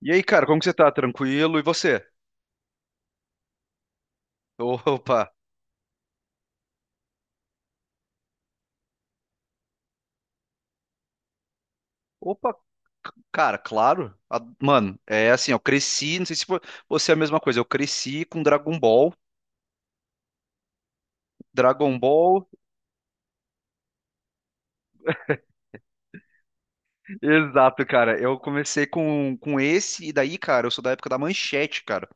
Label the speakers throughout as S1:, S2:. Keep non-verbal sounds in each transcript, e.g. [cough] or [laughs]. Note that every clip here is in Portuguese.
S1: E aí, cara, como que você tá? Tranquilo? E você? [laughs] Opa! Opa, cara, claro. Mano, é assim, eu cresci, não sei se você é a mesma coisa, eu cresci com Dragon Ball. Dragon Ball. [laughs] Exato, cara. Eu comecei com esse, e daí, cara, eu sou da época da Manchete, cara.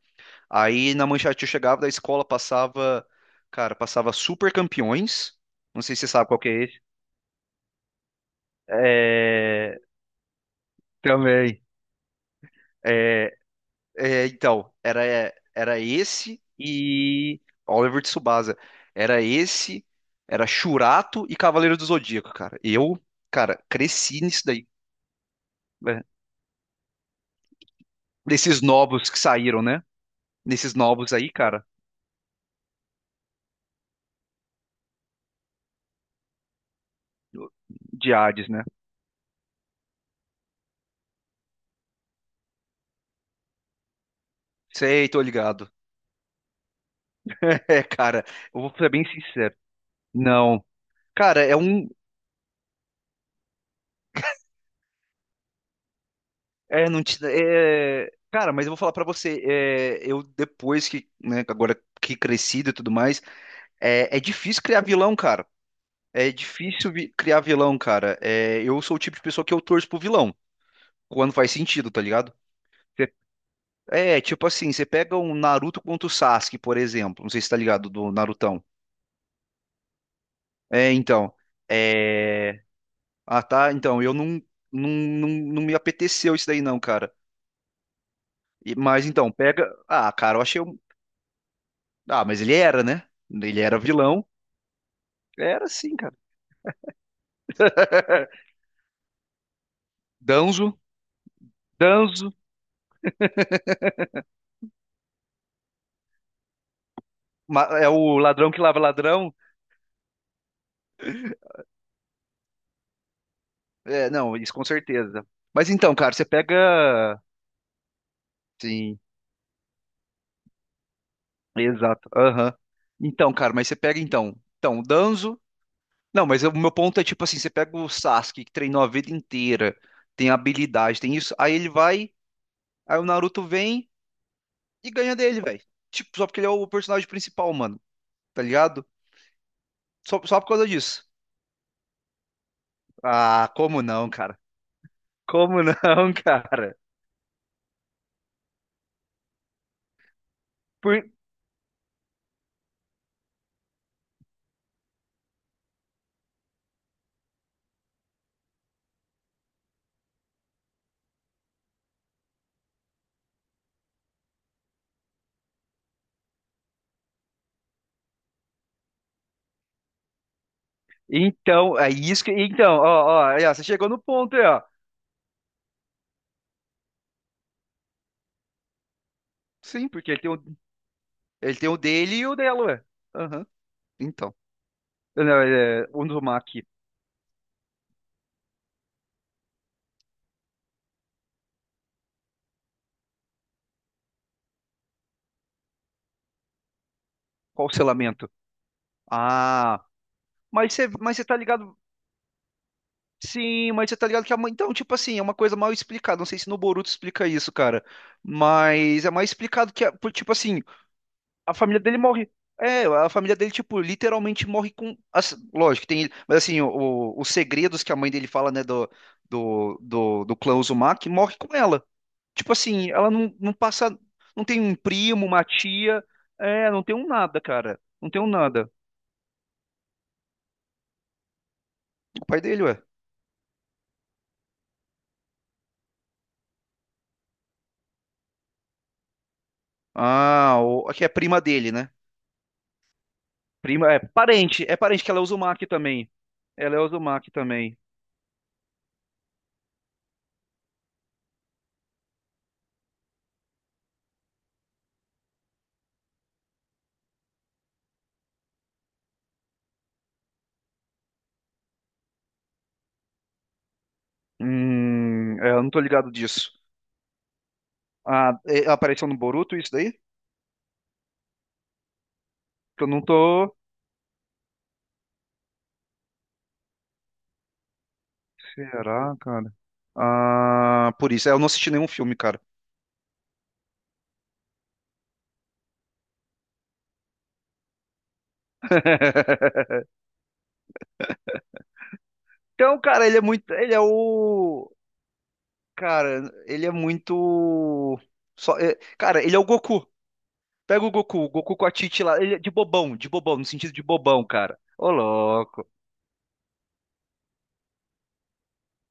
S1: Aí na Manchete eu chegava da escola, passava, cara, passava Super Campeões. Não sei se você sabe qual que é esse. É. Também. É, É, então, era esse e Oliver de Tsubasa. Era esse, era Shurato e Cavaleiro do Zodíaco, cara. Eu, cara, cresci nisso daí. Né? Nesses novos que saíram, né? Nesses novos aí, cara, de Hades, né? Sei, tô ligado. [laughs] É, cara, eu vou ser bem sincero. Não. Cara, é um. É, não te. É. Cara, mas eu vou falar pra você. É, eu, depois que. Né, agora que crescido e tudo mais. É, é difícil criar vilão, cara. É difícil criar vilão, cara. É, eu sou o tipo de pessoa que eu torço pro vilão, quando faz sentido, tá ligado? Cê- É, tipo assim, você pega um Naruto contra o Sasuke, por exemplo. Não sei se tá ligado do Narutão. É, então. É. Ah, tá. Então, eu não me apeteceu isso daí, não, cara. Mas então, pega. Ah, cara, eu achei. Ah, mas ele era, né? Ele era vilão. Era sim, cara. [laughs] Danzo. Danzo. É o ladrão que lava ladrão. É, não, isso com certeza. Mas então, cara, você pega. Sim, exato. Aham. Então, cara, mas você pega então. Então, o Danzo. Não, mas o meu ponto é tipo assim: você pega o Sasuke, que treinou a vida inteira, tem habilidade, tem isso. Aí ele vai, aí o Naruto vem e ganha dele, velho. Tipo, só porque ele é o personagem principal, mano. Tá ligado? Só por causa disso. Ah, como não, cara? Como não, [laughs] cara? Por. Então, é isso que. Então, ó, aí, ó, você chegou no ponto aí, ó. Sim, porque ele tem o dele e o dela, ué. Aham. Então. Não, é, vamos. Qual o selamento? Ah, mas você tá ligado. Sim, mas você tá ligado que a mãe. Então, tipo assim, é uma coisa mal explicada. Não sei se no Boruto explica isso, cara. Mas é mais explicado que, tipo assim, a família dele morre. É, a família dele, tipo, literalmente morre com. Lógico, tem. Mas assim, os segredos que a mãe dele fala, né, do clã Uzumaki, morre com ela. Tipo assim, ela não passa. Não tem um primo, uma tia. É, não tem um nada, cara. Não tem um nada. O pai dele, ué. Ah, aqui é prima dele, né? Prima, é parente. É parente que ela usa o Mac também. Ela usa o Mac também. É, eu não tô ligado disso. Ah, ela apareceu no Boruto, isso daí? Que eu não tô. Será, cara? Ah, por isso. É, eu não assisti nenhum filme, cara. [laughs] Então, cara, ele é muito. Ele é o. Cara, ele é muito. Cara, ele é o Goku. Pega o Goku com a Titi lá. Ele é de bobão, no sentido de bobão, cara. Ô, louco.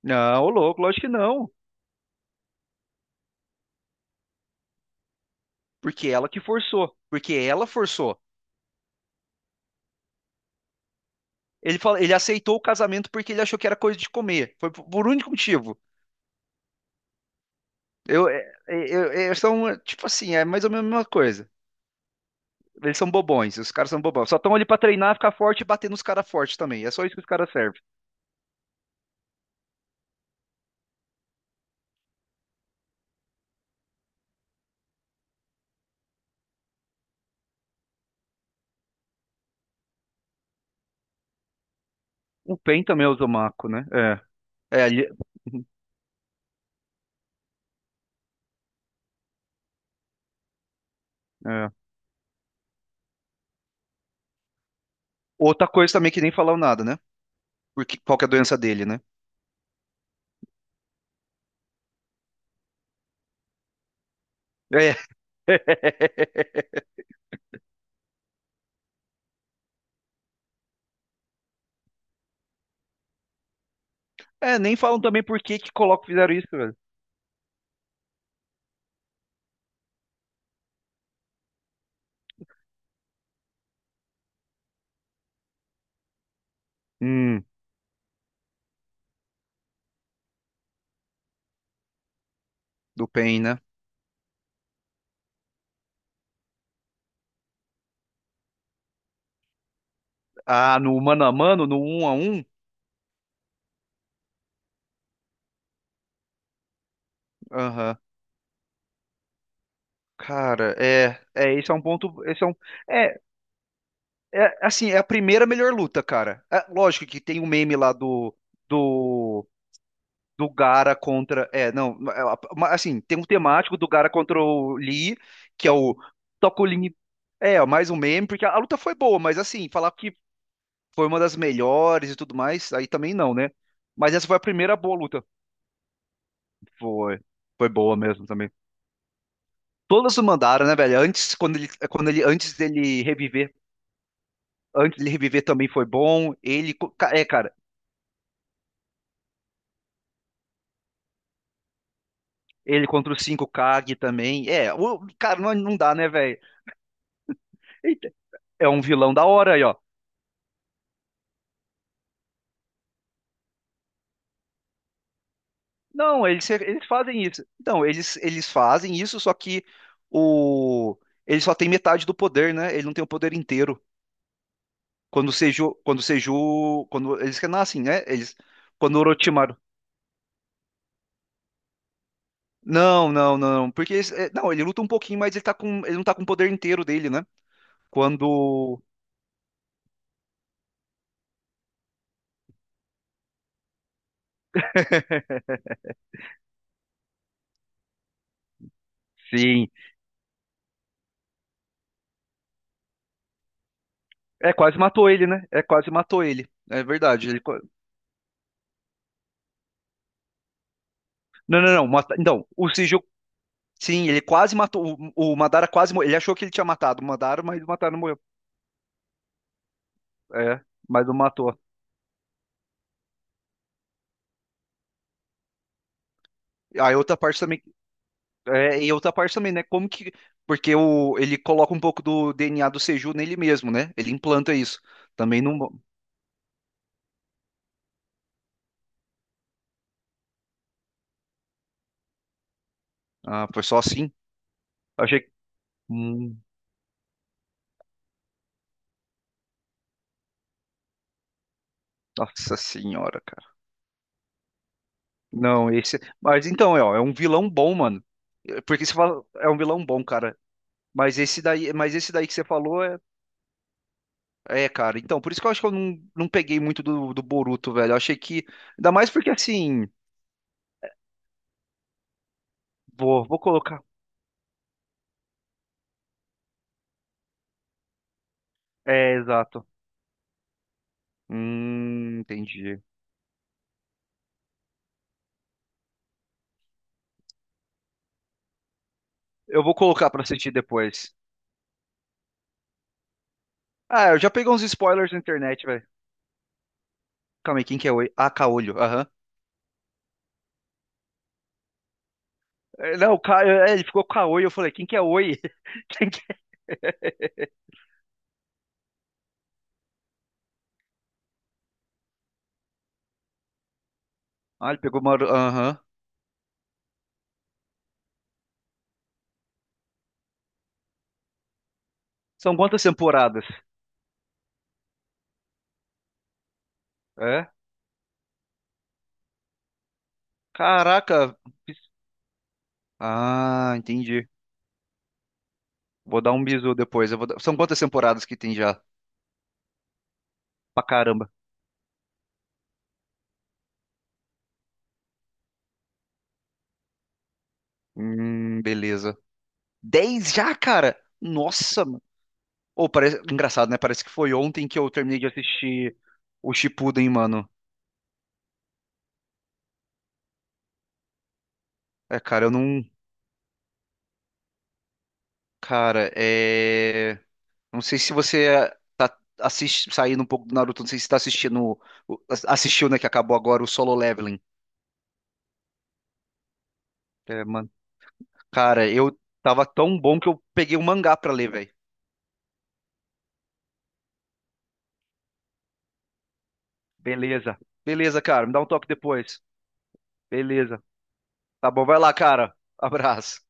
S1: Não, ô, louco, lógico que não. Porque ela que forçou. Porque ela forçou. Ele fala, ele aceitou o casamento porque ele achou que era coisa de comer. Foi por único motivo. Eu, é- é- eu, é- são, é, tipo assim, é mais ou menos a mesma coisa. Eles são bobões, os caras são bobões. Só estão ali pra treinar, ficar forte e bater nos caras fortes também. É só isso que os caras servem. O Pen também é o Zomaco, né? É. É, [laughs] é. Outra coisa também que nem falaram nada, né? Porque, qual que é a doença dele, né? É, [laughs] é nem falam também por que que colocam, fizeram isso, velho. Hum, do Pain, né? Ah, no mano a mano, no um a um? Aham. Cara, esse é um ponto, esse é um, é, assim, é a primeira melhor luta, cara. É, lógico que tem o meme lá do do Gara contra. É, não, é, assim, tem um temático do Gara contra o Lee, que é o Tocolini. É, mais um meme, porque a luta foi boa, mas assim, falar que foi uma das melhores e tudo mais, aí também não, né? Mas essa foi a primeira boa luta. Foi. Foi boa mesmo também. Todas o mandaram, né, velho? Antes, antes dele reviver também foi bom. Ele, cara, ele contra o 5 Kag também. É, o, cara, não, não dá, né, velho? Eita, é um vilão da hora aí, ó. Não, eles fazem isso. Então, eles fazem isso, só que o ele só tem metade do poder, né? Ele não tem o poder inteiro. Quando eles renascem, né? Eles quando o Orochimaru. Não, não, não, porque não, ele luta um pouquinho, mas ele não tá com o poder inteiro dele, né? Quando Sim. É, quase matou ele, né? É, quase matou ele. É verdade. Ele. Não, não, não. Então, o Seju, sim, ele quase matou. O Madara quase morreu. Ele achou que ele tinha matado o Madara, mas o Madara não morreu. É, mas não matou. Aí outra parte também, e outra parte também, né? Como que, porque ele coloca um pouco do DNA do Seju nele mesmo, né? Ele implanta isso. Também não, ah, foi só assim. Achei, hum, nossa senhora, cara. Não, esse, mas então é, ó, é um vilão bom, mano. É, porque você fala, é um vilão bom, cara. Mas esse daí que você falou cara. Então, por isso que eu acho que eu não peguei muito do Boruto, velho. Eu achei que, ainda mais porque assim, vou colocar. É, exato. Entendi. Eu vou colocar pra assistir depois. Ah, eu já peguei uns spoilers na internet, velho. Calma aí, quem que é Oi? Ah, Caolho, aham. É, não, ele ficou Caolho, eu falei, quem que é Oi? [laughs] Quem que é? Ah, ele pegou uma. Aham. São quantas temporadas? É? Caraca. Ah, entendi. Vou dar um bisu depois. São quantas temporadas que tem já? Pra caramba. Beleza. 10 já, cara? Nossa, ou parece engraçado, né? Parece que foi ontem que eu terminei de assistir o Shippuden, mano. É, cara, eu não, cara, não sei se você tá saindo um pouco do Naruto, não sei se você tá assistindo, o- assistiu, né, que acabou agora o Solo Leveling. É, mano. Cara, eu tava tão bom que eu peguei um mangá pra ler, velho. Beleza. Beleza, cara, me dá um toque depois. Beleza. Tá bom, vai lá, cara. Abraço.